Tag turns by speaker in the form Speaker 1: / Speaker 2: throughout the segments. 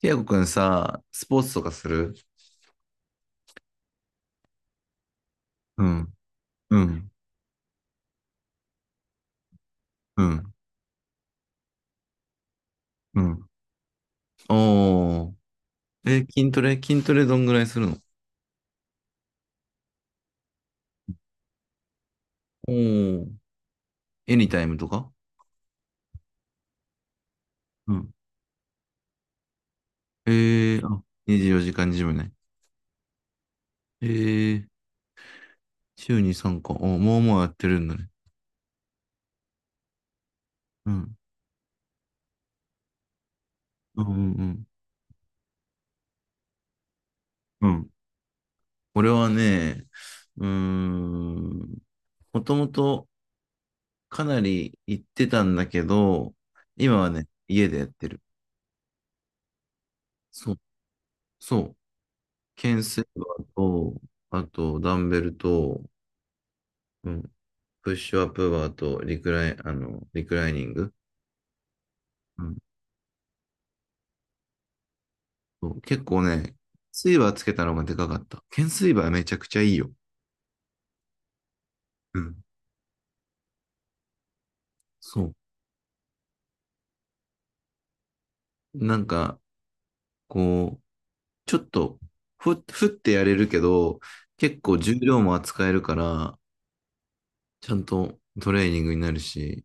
Speaker 1: ティアゴくんさ、スポーツとかする？うん、うん、うん、うん。おー。え、筋トレどんぐらいするの？おー。エニタイムとか？うん。あ、24時間ジムね。えー、週に3回。お、もうやってるんだね。うん。うん、うん、うん。うん。俺はね、うーん、もともとかなり行ってたんだけど、今はね、家でやってる。そう、そう。懸垂バーと、あと、ダンベルと、うん、プッシュアップバーと、リクライニング。うん、そう結構ね、スイバーつけたのがでかかった。懸垂バーめちゃくちゃいいよ。うん。そう。なんか、こう、ちょっと、ふってやれるけど、結構重量も扱えるから、ちゃんとトレーニングになるし、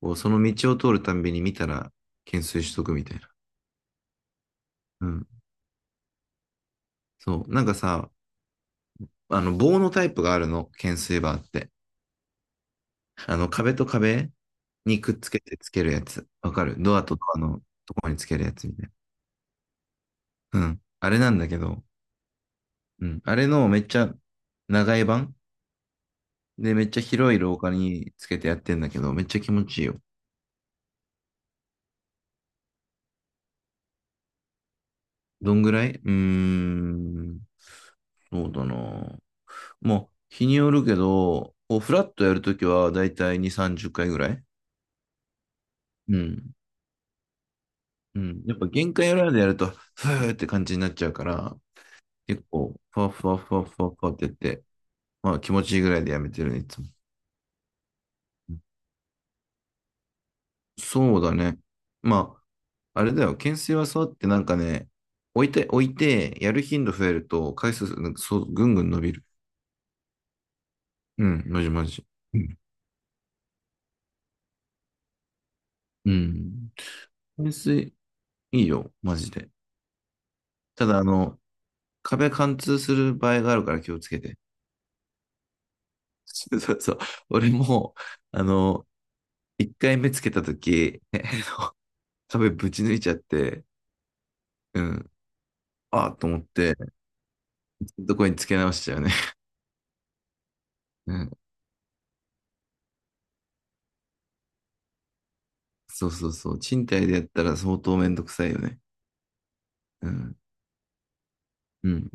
Speaker 1: こうその道を通るたんびに見たら、懸垂しとくみたいな。うん。そう。なんかさ、棒のタイプがあるの、懸垂バーって。壁と壁にくっつけてつけるやつ。わかる？ドアとドアのところにつけるやつみたいな。うん。あれなんだけど、うん。あれのめっちゃ長い版で、めっちゃ広い廊下につけてやってんだけど、めっちゃ気持ちいいよ。どんぐらい？うーん。そうだな。もう、日によるけど、こうフラットやるときはだいたい2、30回ぐらい。うん。うん。やっぱ限界裏でやると、ふーって感じになっちゃうから、結構、ふわふわふわふわふわってやって、まあ気持ちいいぐらいでやめてるね、いつも。そうだね。まあ、あれだよ、懸垂はそうやってなんかね、置いて、置いて、やる頻度増えると、回数、なんかそう、ぐんぐん伸びる。うん、マジマジ。うん。うん。懸垂、いいよ、マジで。ただ、壁貫通する場合があるから気をつけて。そうそうそう。俺も、あの、一回目つけたとき、壁ぶち抜いちゃって、うん、ああと思って、どこにつけ直しちゃうね。うん。そうそうそう。賃貸でやったら相当めんどくさいよね。うん。うん。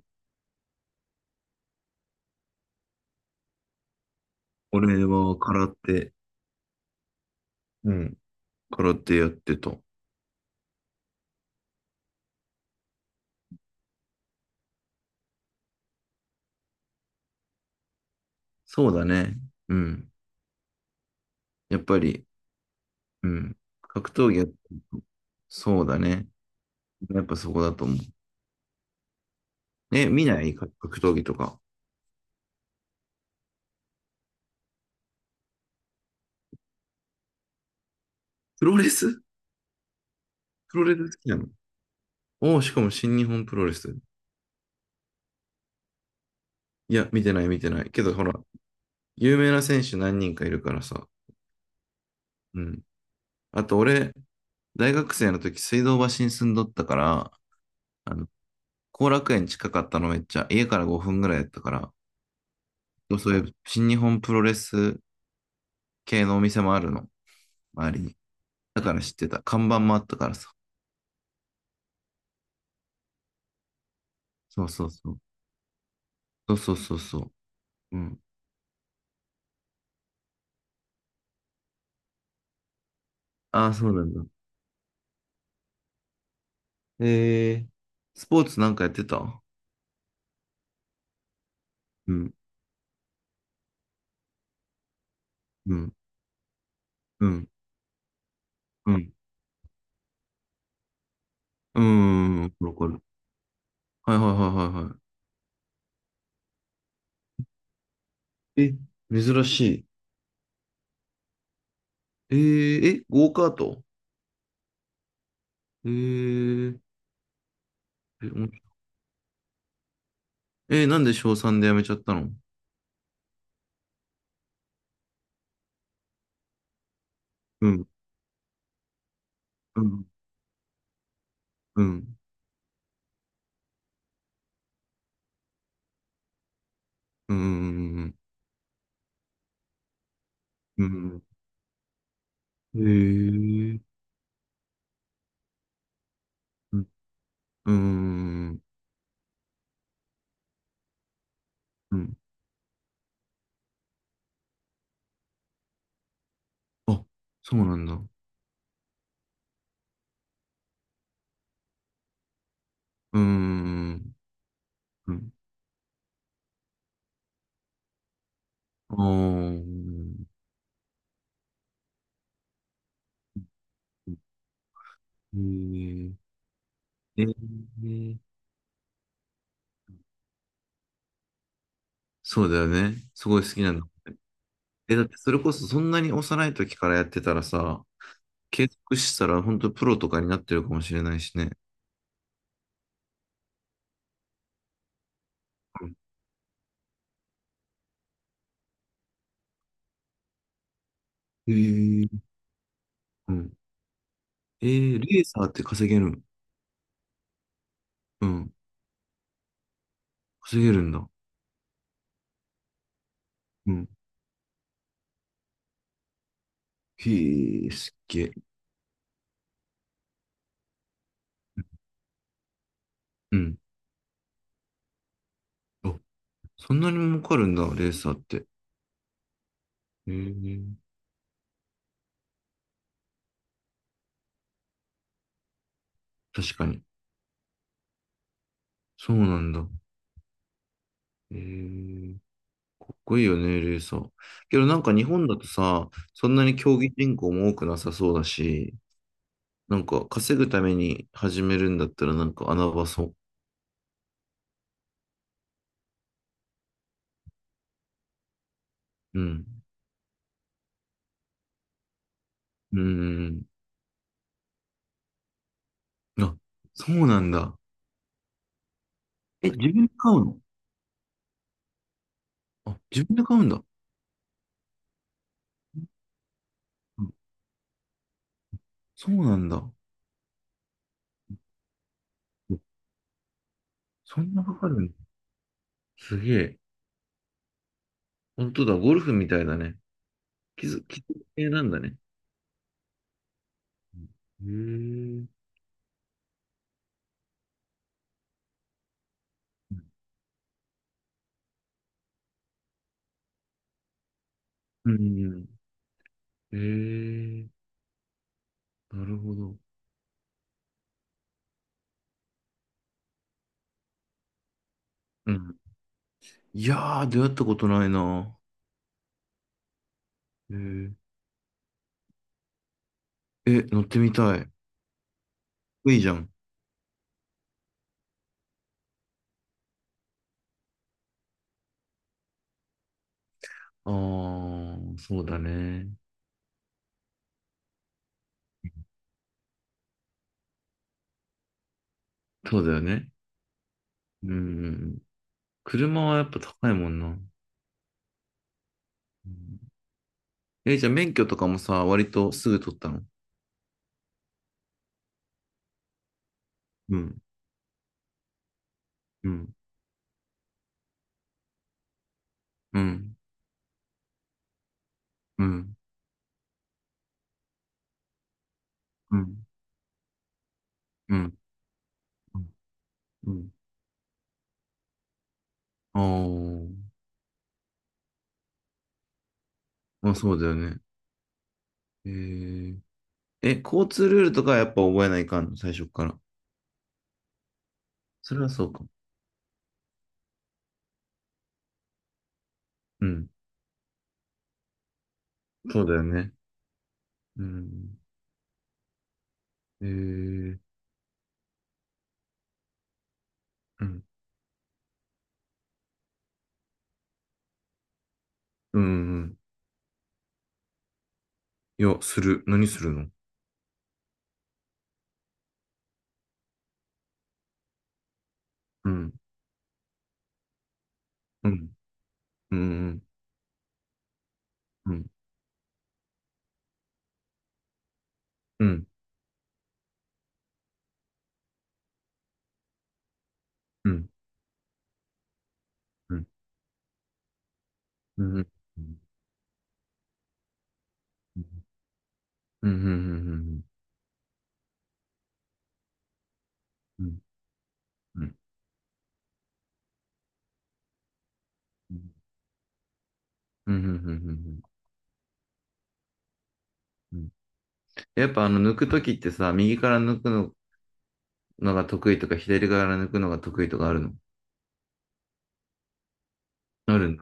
Speaker 1: 俺は空手、うん。空手やってた。そうだね。うん。やっぱり、うん。格闘技やってると。そうだね。やっぱそこだと思う。え、見ない格闘技とか。プロレス？プロレス好きなの？おおー、しかも新日本プロレス。いや、見てない見てない。けどほら、有名な選手何人かいるからさ。うん。あと俺、大学生の時、水道橋に住んどったから、あの、後楽園近かったのめっちゃ、家から5分ぐらいやったから、そういう新日本プロレス系のお店もあるの、周りに。だから知ってた。看板もあったからさ。そうそうそう。そうそうそうそう。うん。ああ、そうなんだ。えー、スポーツなんかやってた？うん、うん、うん、うん、うん、うん。わかる。はいはいはいはいはい。え、珍しい。え、ゴーカート？えー、ええーなんで小3で辞めちゃったの？うん、うん、うん、うん、うん、うん。へえ、うん、うん、うん。あ、そうなんだ。うん、うん。ああ、へえ、えー。そうだよね。すごい好きなんだ。え、だってそれこそそんなに幼い時からやってたらさ、継続したら本当プロとかになってるかもしれないしね。うん。へえー、うん。レーサーって稼げる？うん。稼げるんだ。うん。へえ、すっげえ。うん。あ、そんなに儲かるんだ、レーサーって。へえ。確かに。そうなんだ。へえ。かっこいいよね、レーサー。けどなんか日本だとさ、そんなに競技人口も多くなさそうだし、なんか稼ぐために始めるんだったらなんか穴場そう。うん。うん。あ、そうなんだ。え、自分で買うの？あ、自分で買うんだ。うん。そうなんだ。そんなかかるんだ。すげえ。本当だ、ゴルフみたいだね。傷系なんだね。へえ、うん。へえ、なるほど。うん。いやー、出会ったことないな。へえ、え、乗ってみたい。いいじゃん。ああ、そうだね。そうだよね。うん。車はやっぱ高いもんな。うん、え、じゃあ免許とかもさ、割とすぐ取ったの？うん、うん、うん、うん、うん、うん。うん、うん。ああー、まあそうだよね。へえ。え、交通ルールとかはやっぱ覚えないかんの、最初から。それはそうか。うん。そうだよね。うん。えー、うん。うん。うん。いや、する。何するの？うん。うん。うん。うん。うん。うん。うん。うん。うん。うん。うん。うん。うん。うん。うん。うん。うん。うん。やっぱ抜くときってさ、右から抜くの、が得意とか、左から抜くのが得意とかあるの？あるん